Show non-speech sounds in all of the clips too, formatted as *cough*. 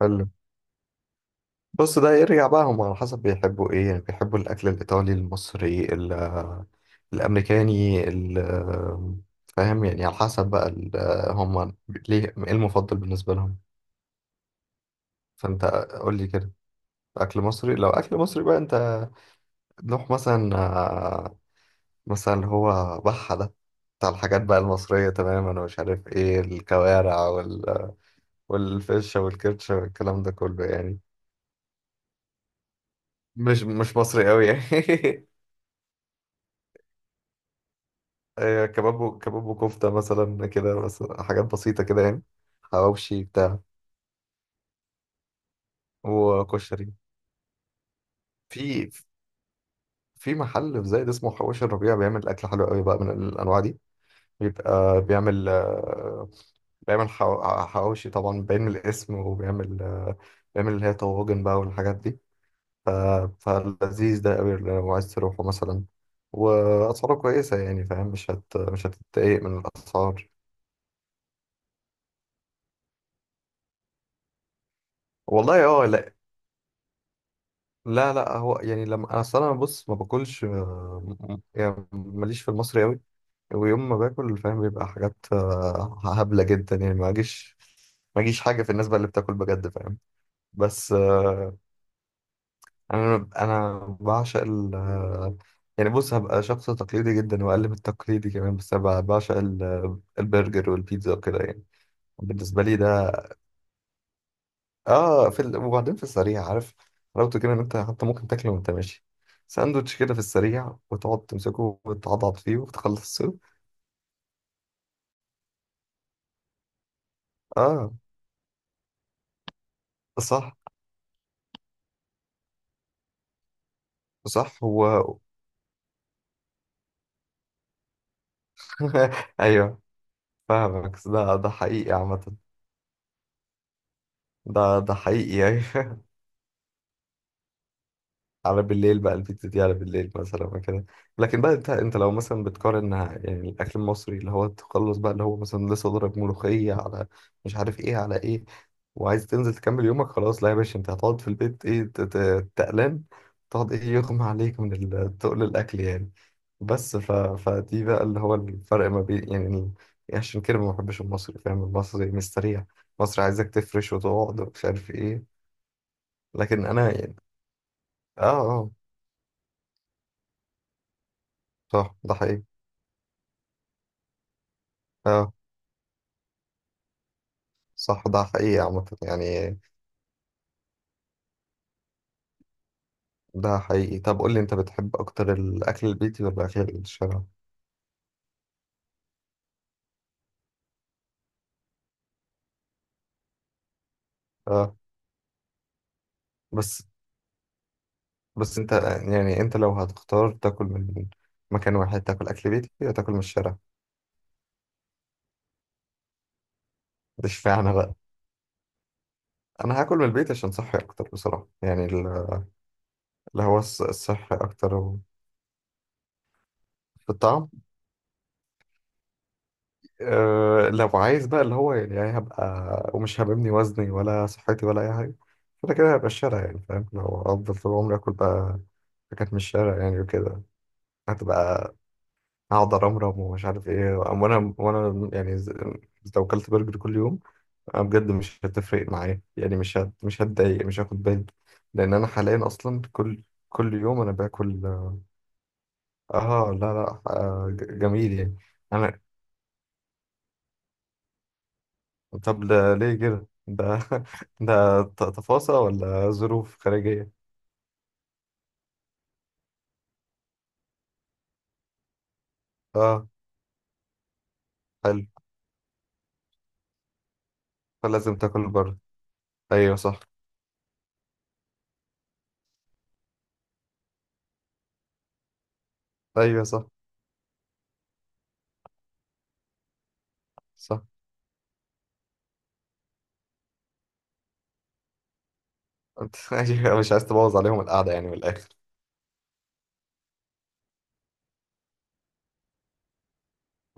حلو. بص، ده يرجع بقى هم على حسب بيحبوا ايه، يعني بيحبوا الاكل الايطالي، المصري، الامريكاني فاهم، يعني على حسب بقى هم ليه، ايه المفضل بالنسبه لهم؟ فانت قول لي كده. اكل مصري؟ لو اكل مصري بقى انت نروح مثلا، مثلا اللي هو بحه ده، بتاع الحاجات بقى المصريه تماما، ومش عارف ايه، الكوارع والفشه والكرشه والكلام ده كله يعني. مش مصري قوي يعني. *laughs* كباب وكفتة مثلا كده، بس حاجات بسيطة كده يعني. حواوشي بتاع، وكشري. في في محل في زايد اسمه حواوشي الربيع، بيعمل أكل حلو قوي بقى من الأنواع دي. بيبقى بيعمل بيعمل حواوشي طبعا باين من الاسم، وبيعمل بيعمل اللي هي طواجن بقى، والحاجات دي. ف- فلذيذ ده قوي لو عايز تروحه مثلا، وأسعاره كويسة يعني فاهم، مش هتتضايق من الأسعار. والله اه. لا لا، هو يعني لما انا اصلا انا بص ما باكلش، يعني ماليش في المصري قوي. ويوم ما باكل فاهم، بيبقى حاجات هبلة جدا يعني. ما اجيش حاجة في الناس بقى اللي بتاكل بجد فاهم. بس انا بعشق ال آه، يعني بص، هبقى شخص تقليدي جدا، واقل من التقليدي كمان. بس انا بعشق البرجر والبيتزا وكده يعني. بالنسبة لي ده اه. وبعدين في السريع، عارف حلاوته كده، ان انت حتى ممكن تاكله وانت ماشي. ساندوتش كده في السريع، وتقعد تمسكه وتعضعض فيه وتخلصه. اه، صح، صح هو. *laughs* ايوه، فاهمك. ده حقيقي عامة. ده حقيقي يعني. *laughs* على بالليل بقى، البيتزا دي على بالليل مثلا وكده. لكن بقى انت لو مثلا بتقارن يعني، الاكل المصري اللي هو تخلص بقى، اللي هو مثلا لسه ضرب ملوخيه على مش عارف ايه على ايه، وعايز تنزل تكمل يومك. خلاص، لا يا باشا، انت هتقعد في البيت. ايه، تقلان. تقعد، ايه، يغمى عليك من تقل الاكل يعني. بس فدي بقى اللي هو الفرق ما بين يعني عشان كده ما بحبش المصري فاهم. المصري مستريح. مصري عايزك تفرش وتقعد ومش عارف ايه. لكن انا يعني. اه. اه، صح، ده حقيقي. اه، صح، ده حقيقي عامة يعني. ده حقيقي. طب قول لي، انت بتحب اكتر الاكل البيتي ولا الاكل الشارع؟ اه. بس بس انت يعني، انت لو هتختار تاكل من مكان واحد، تاكل اكل بيتي ولا تاكل من الشارع؟ ده اشمعنى بقى انا هاكل من البيت عشان صحي اكتر بصراحة يعني ال- الهوا الص- الصحي اكتر و- في الطعم أه لو عايز بقى اللي هو يعني يعني هبقى ومش هبني وزني ولا صحتي ولا أي حاجة كده كده هبقى الشارع يعني فاهم لو أفضل طول عمري آكل بقى حاجات من الشارع يعني وكده هتبقى أقعد أرمرم ومش عارف إيه وأنا وأنا يعني ز- لو أكلت برجر كل يوم أنا بجد مش هتفرق معايا يعني مش هت مش هتضايق مش هاخد بالي لأن أنا حاليا أصلا كل كل يوم أنا باكل آه آه، لا لا آه ج- جميل يعني أنا طب ده ليه كده ده *laughs* ده ت- تفاصيل ولا ظروف خارجية اه حلو فلازم تاكل بره ايوه صح ايوه صح صح انت *laughs* أيوة، مش عايز تبوظ عليهم القعدة يعني من الآخر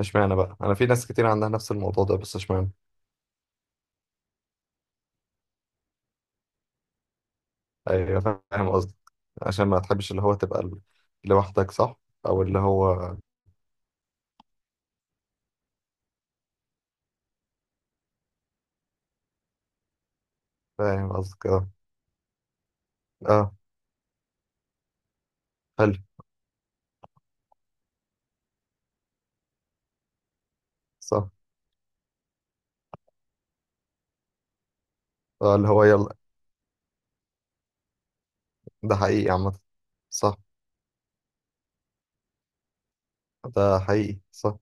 اشمعنى بقى؟ انا في ناس كتير عندها نفس الموضوع ده، بس اشمعنى؟ ايوه، فاهم قصدك. عشان ما تحبش اللي هو تبقى لوحدك، صح. او اللي هو، فاهم قصدك. اه، اه، حلو، صح. اه اللي هو يلا. ده حقيقي عامة. صح، ده حقيقي. صح،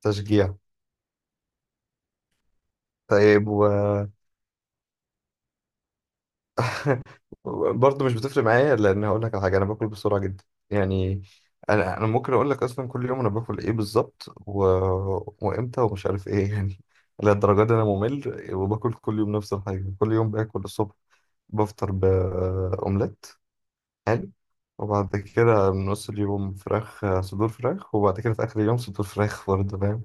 تشجيع. طيب برضه مش بتفرق معايا، لان هقول لك على حاجه، انا باكل بسرعه جدا يعني. انا ممكن اقول لك اصلا كل يوم انا باكل ايه بالظبط وامتى ومش عارف ايه، *laughs* يعني. للدرجه دي انا ممل، وباكل كل يوم نفس الحاجه. كل يوم باكل الصبح بفطر باومليت، حلو. وبعد كده من نص اليوم فراخ، صدور فراخ. وبعد كده في اخر اليوم صدور فراخ برضه، فاهم.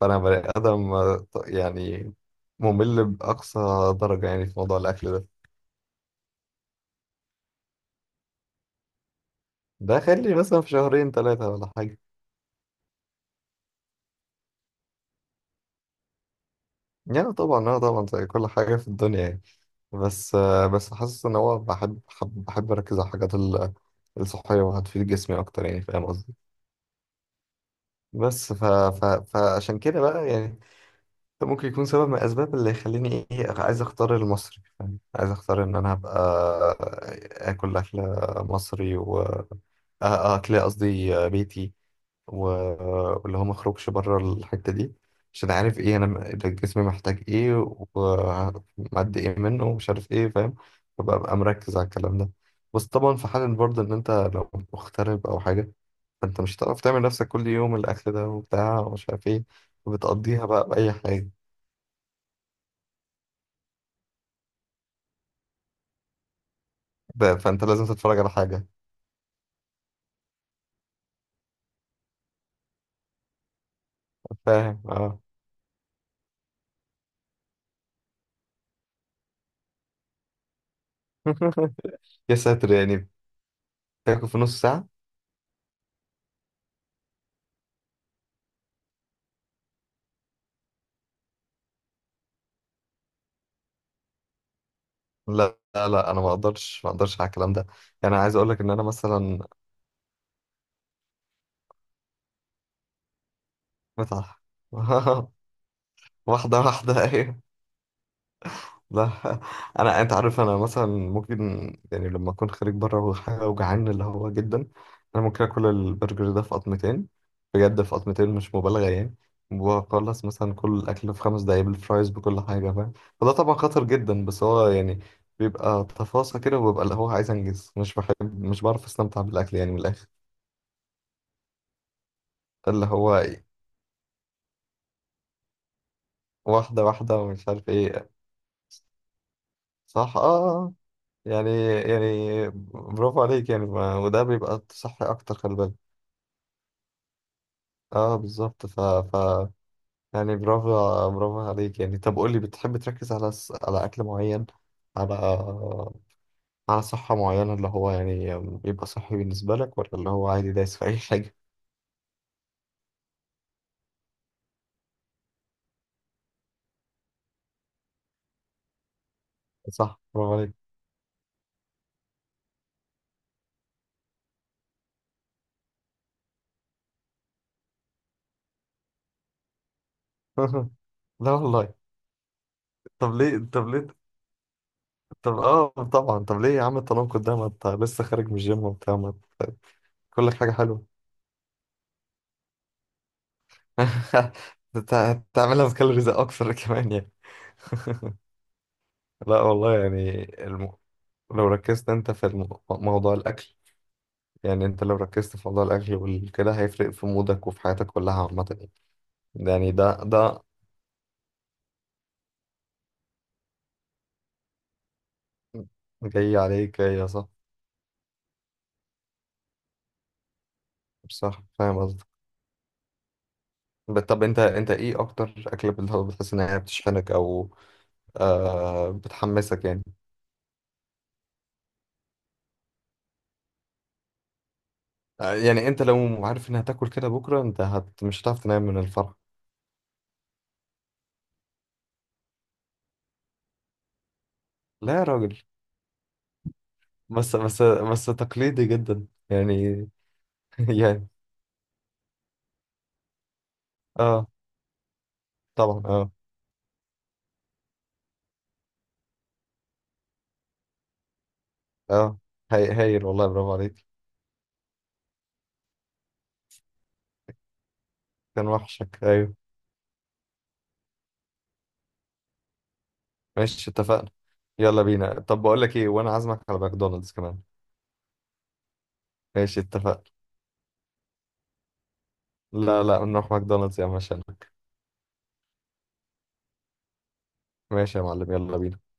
فانا بني ادم يعني، ممل باقصى درجه يعني في موضوع الاكل ده. ده خلي مثلا في شهرين ثلاثة ولا حاجة. يعني طبعا، اه طبعا، زي كل حاجة في الدنيا يعني. بس بس حاسس ان هو بحب اركز على الحاجات الصحية، وهتفيد جسمي اكتر يعني، فاهم قصدي. بس فعشان كده بقى يعني، ده ممكن يكون سبب من الاسباب اللي يخليني ايه، عايز اختار المصري فاهم. عايز اختار ان انا ابقى اكل مصري، اكل قصدي بيتي، واللي هو ما اخرجش بره الحتة دي. عشان عارف ايه، انا ده جسمي محتاج ايه، ومعدي ايه منه، ومش عارف ايه، فاهم. فببقى مركز على الكلام ده. بس طبعا في حال برضه ان انت لو مغترب او حاجة، فانت مش هتعرف تعمل نفسك كل يوم الاكل ده وبتاع ومش عارف ايه، وبتقضيها بقى بأي حاجة. فانت لازم تتفرج على حاجة فاهم. اه. *laughs* يا ساتر يعني، تاكل في نص ساعة؟ لا لا لا، انا ما اقدرش، ما اقدرش على الكلام ده. يعني عايز اقول لك ان انا مثلا متعة. *laughs* واحدة واحدة، أيوة. لا، أنت عارف، أنا مثلا ممكن يعني لما أكون خارج بره وحاجة وجعان اللي هو جدا، أنا ممكن آكل البرجر ده في قطمتين. بجد في قطمتين، مش مبالغة يعني. وأخلص مثلا كل الأكل في 5 دقايق، بالفرايز، بكل حاجة، فاهم. فده طبعا خطر جدا، بس هو يعني بيبقى تفاصيل كده، وبيبقى اللي هو عايز أنجز، مش بحب، مش بعرف أستمتع بالأكل يعني من الآخر. اللي هو واحدة واحدة ومش عارف إيه، صح يعني. يعني برافو عليك يعني، ما وده بيبقى صح اكتر، خلي بالك. اه، بالظبط. ف ف يعني برافو، برافو عليك يعني. طب قول لي، بتحب تركز على على اكل معين، على، صحة معينة اللي هو يعني يبقى صحي بالنسبة لك، ولا اللي هو عادي دايس في اي *laughs* حاجة؟ صح، برافو عليك. *laughs* لا والله. طب ليه؟ طب اه طبعا، طب ليه يا عم التناقض ده، ما انت لسه خارج من الجيم وبتاع؟ ما أنت- كل حاجة حلوة. *laughs* هتعملها بكالوريز اكثر كمان يعني. لا والله، يعني لو ركزت انت في موضوع الاكل، يعني انت لو ركزت في موضوع الاكل وكده، هيفرق في مودك وفي حياتك كلها عامه يعني. ده جاي عليك، يا صح. صح، فاهم قصدك. طب انت ايه اكتر اكله بتحس انها بتشحنك، او بتحمسك يعني؟ يعني انت لو عارف انها هتاكل كده بكره، انت مش هتعرف تنام من الفرح. لا يا راجل، بس تقليدي جدا يعني. *laughs* يعني اه، طبعا، اه، اه، هايل والله، برافو عليك. كان وحشك، ايوه. ماشي، اتفقنا. يلا بينا. طب بقول لك ايه، وانا عازمك على ماكدونالدز كمان. ماشي اتفقنا. لا لا، نروح ماكدونالدز يا عم عشانك. ماشي يا معلم، يلا بينا.